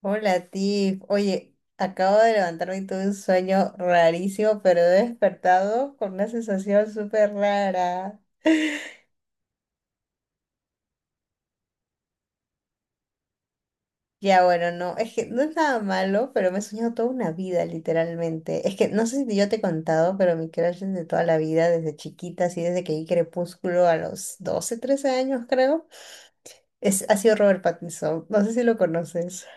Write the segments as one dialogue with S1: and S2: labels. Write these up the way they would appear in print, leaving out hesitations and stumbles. S1: Hola, Tiff. Oye, acabo de levantarme y tuve un sueño rarísimo, pero he despertado con una sensación súper rara. Ya, bueno, no, es que no es nada malo, pero me he soñado toda una vida, literalmente. Es que no sé si yo te he contado, pero mi crush es de toda la vida, desde chiquita, así desde que vi Crepúsculo a los 12, 13 años, creo, ha sido Robert Pattinson. No sé si lo conoces.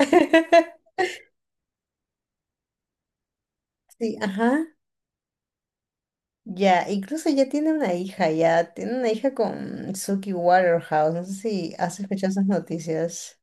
S1: Sí, ajá. Ya, incluso ya tiene una hija con Suki Waterhouse, no sé si has escuchado esas noticias.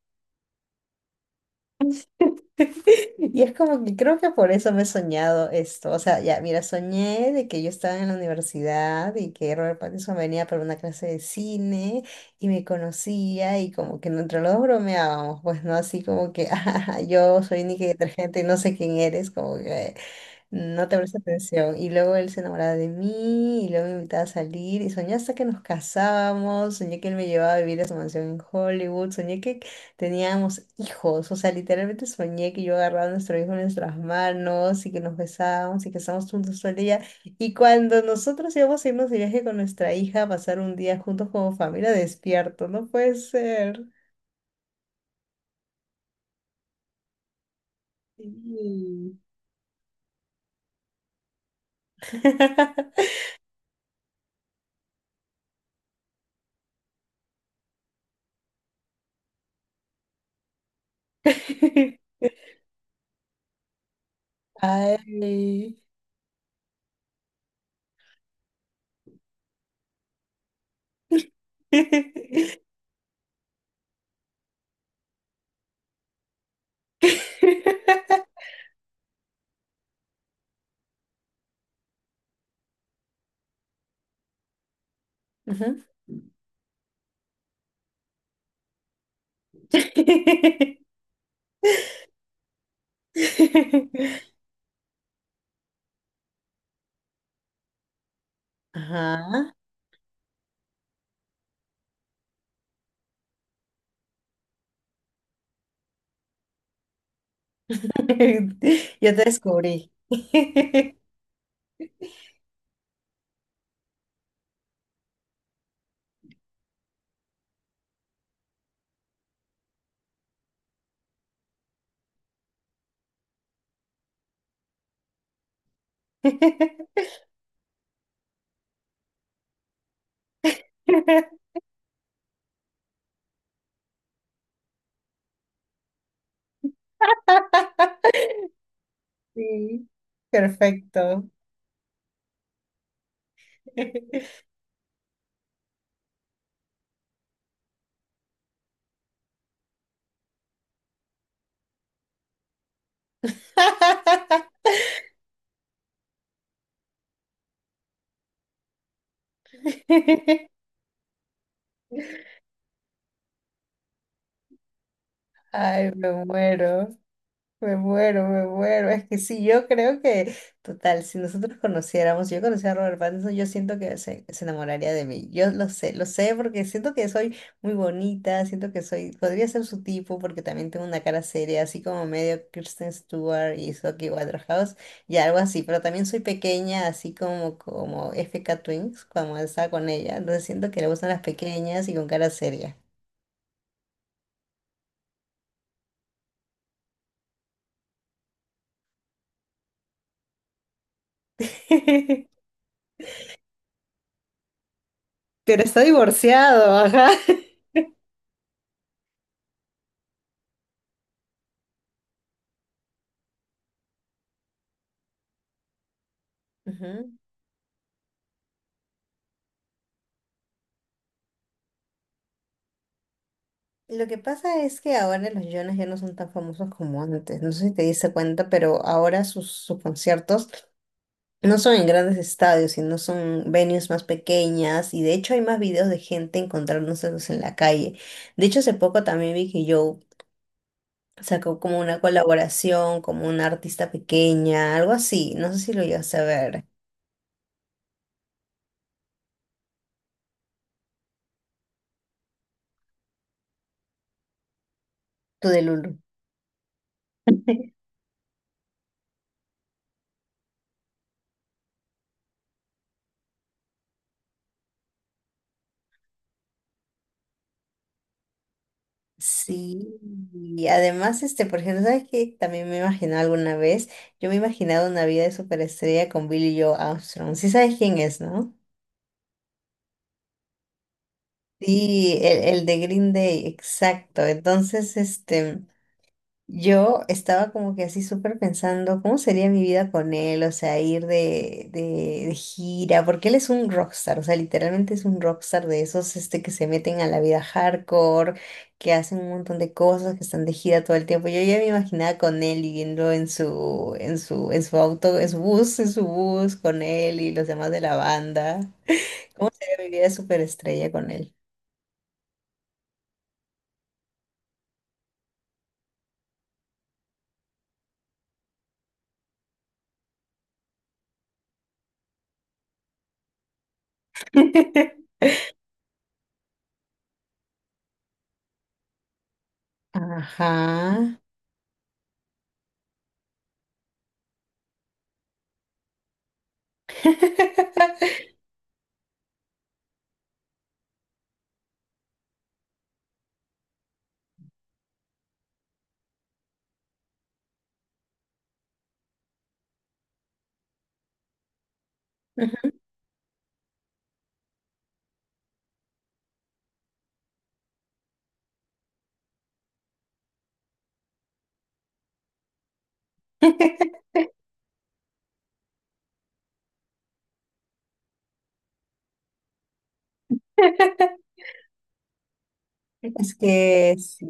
S1: Y es como que creo que por eso me he soñado esto. O sea, ya, mira, soñé de que yo estaba en la universidad y que Robert Pattinson venía para una clase de cine y me conocía y como que entre los dos bromeábamos, pues no, así como que, "Ah, yo soy Nicky Detergente y no sé quién eres, como que... No te presta atención. Y luego él se enamoraba de mí y luego me invitaba a salir y soñé hasta que nos casábamos, soñé que él me llevaba a vivir a su mansión en Hollywood, soñé que teníamos hijos, o sea, literalmente soñé que yo agarraba a nuestro hijo en nuestras manos y que nos besábamos y que estábamos juntos todo el día. Y cuando nosotros íbamos a irnos de viaje con nuestra hija a pasar un día juntos como familia, despierto, no puede ser. Sí. Ay. Ujú. Ajá. Yo te descubrí. Sí, perfecto. Ay, me muero. Me muero, me muero. Es que sí, yo creo que, total, si nosotros conociéramos, si yo conociera a Robert Pattinson, yo siento que se enamoraría de mí. Yo lo sé, porque siento que soy muy bonita, podría ser su tipo, porque también tengo una cara seria, así como medio Kristen Stewart y Zoe Waterhouse, y algo así, pero también soy pequeña, así como, como FK Twins, cuando estaba con ella. Entonces siento que le gustan las pequeñas y con cara seria. Pero está divorciado, ajá. Ujú. Lo que pasa es que ahora los Jonas ya no son tan famosos como antes. No sé si te diste cuenta, pero ahora sus conciertos no son en grandes estadios, sino son venues más pequeñas. Y de hecho hay más videos de gente encontrándoselos en la calle. De hecho, hace poco también vi que Joe sacó como una colaboración, como una artista pequeña, algo así. No sé si lo llegaste a ver. Tú de Lulu. Sí, y además, este, por ejemplo, ¿sabes qué? También me he imaginado alguna vez, yo me he imaginado una vida de superestrella con Billy Joe Armstrong, sí sabes quién es, ¿no? Sí, el de Green Day, exacto, entonces, este, yo estaba como que así súper pensando, ¿cómo sería mi vida con él? O sea, ir de gira, porque él es un rockstar, o sea, literalmente es un rockstar de esos este, que se meten a la vida hardcore, que hacen un montón de cosas, que están de gira todo el tiempo. Yo ya me imaginaba con él viviendo en su auto, en su bus, con él y los demás de la banda. ¿Cómo sería mi vida de superestrella con él? Ajá. Es que sí.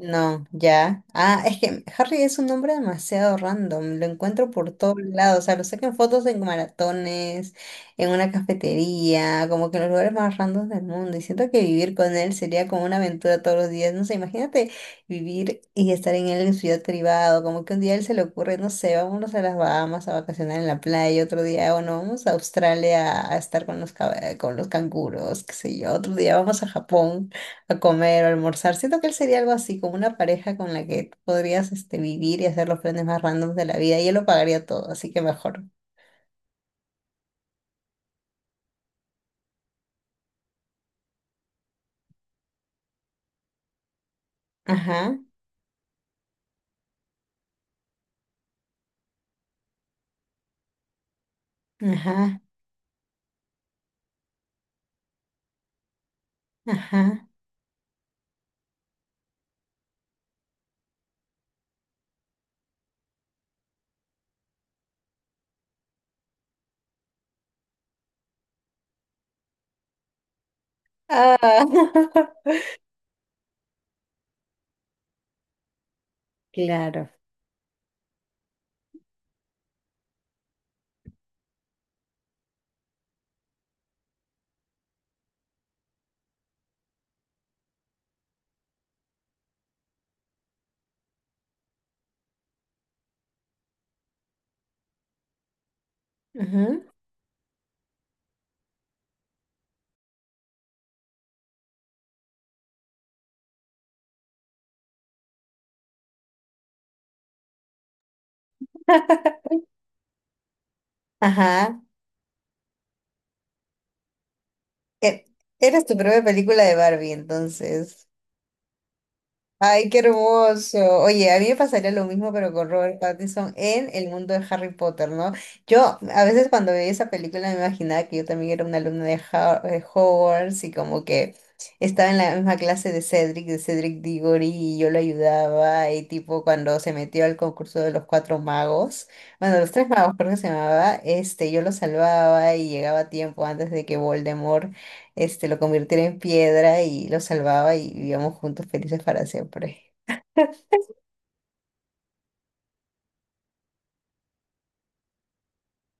S1: No, ya. Ah, es que Harry es un nombre demasiado random. Lo encuentro por todos lados. O sea, lo saco en fotos en maratones, en una cafetería, como que en los lugares más random del mundo. Y siento que vivir con él sería como una aventura todos los días. No sé, imagínate vivir y estar en él en su ciudad privado. Como que un día a él se le ocurre, no sé, vámonos a las Bahamas a vacacionar en la playa. Otro día, bueno, vamos a Australia a estar con los, cab- con los canguros, qué sé yo. Otro día vamos a Japón a comer o almorzar. Siento que él sería algo así, como una pareja con la que podrías este, vivir y hacer los planes más randoms de la vida y él lo pagaría todo, así que mejor. Ajá, ajá, ajá. Ah, claro. Ujú. Ajá. E- Eres tu propia película de Barbie, entonces. Ay, qué hermoso. Oye, a mí me pasaría lo mismo, pero con Robert Pattinson en el mundo de Harry Potter, ¿no? Yo a veces cuando veía esa película me imaginaba que yo también era una alumna de Hogwarts y como que estaba en la misma clase de Cedric Diggory y yo lo ayudaba y tipo cuando se metió al concurso de los cuatro magos, bueno, los tres magos creo que se llamaba, este, yo lo salvaba y llegaba a tiempo antes de que Voldemort este, lo convirtiera en piedra y lo salvaba y vivíamos juntos felices para siempre.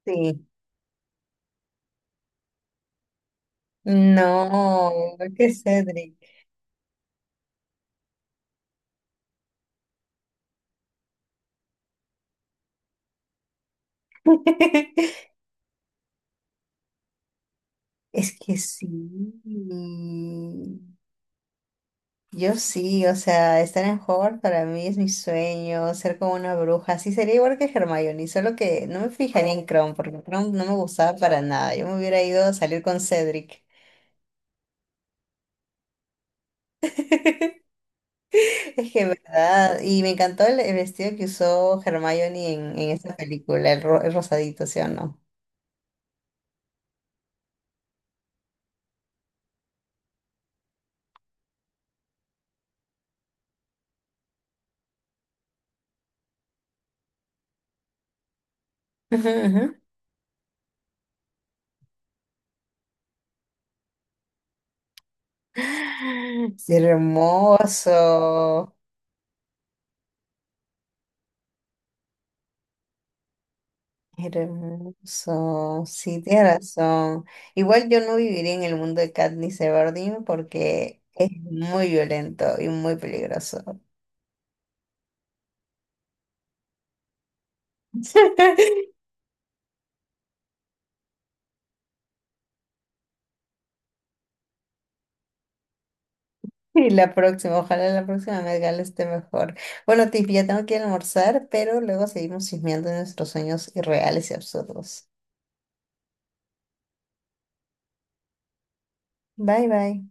S1: Sí. No, que Cedric. Es que sí. Yo sí, o sea, estar en Hogwarts para mí es mi sueño, ser como una bruja. Sí, sería igual que Hermione, solo que no me fijaría en Kron, porque Kron no me gustaba para nada. Yo me hubiera ido a salir con Cedric. Es que es verdad, y me encantó el vestido que usó Hermione en esa película, el rosadito, ¿sí o no? Ujú, ujú. Sí, hermoso, hermoso, sí, tienes razón. Igual yo no viviría en el mundo de Katniss Everdeen porque es muy violento y muy peligroso. Y la próxima, ojalá la próxima Met Gala esté mejor. Bueno, Tiff, ya tengo que ir a almorzar, pero luego seguimos chismeando de nuestros sueños irreales y absurdos. Bye, bye.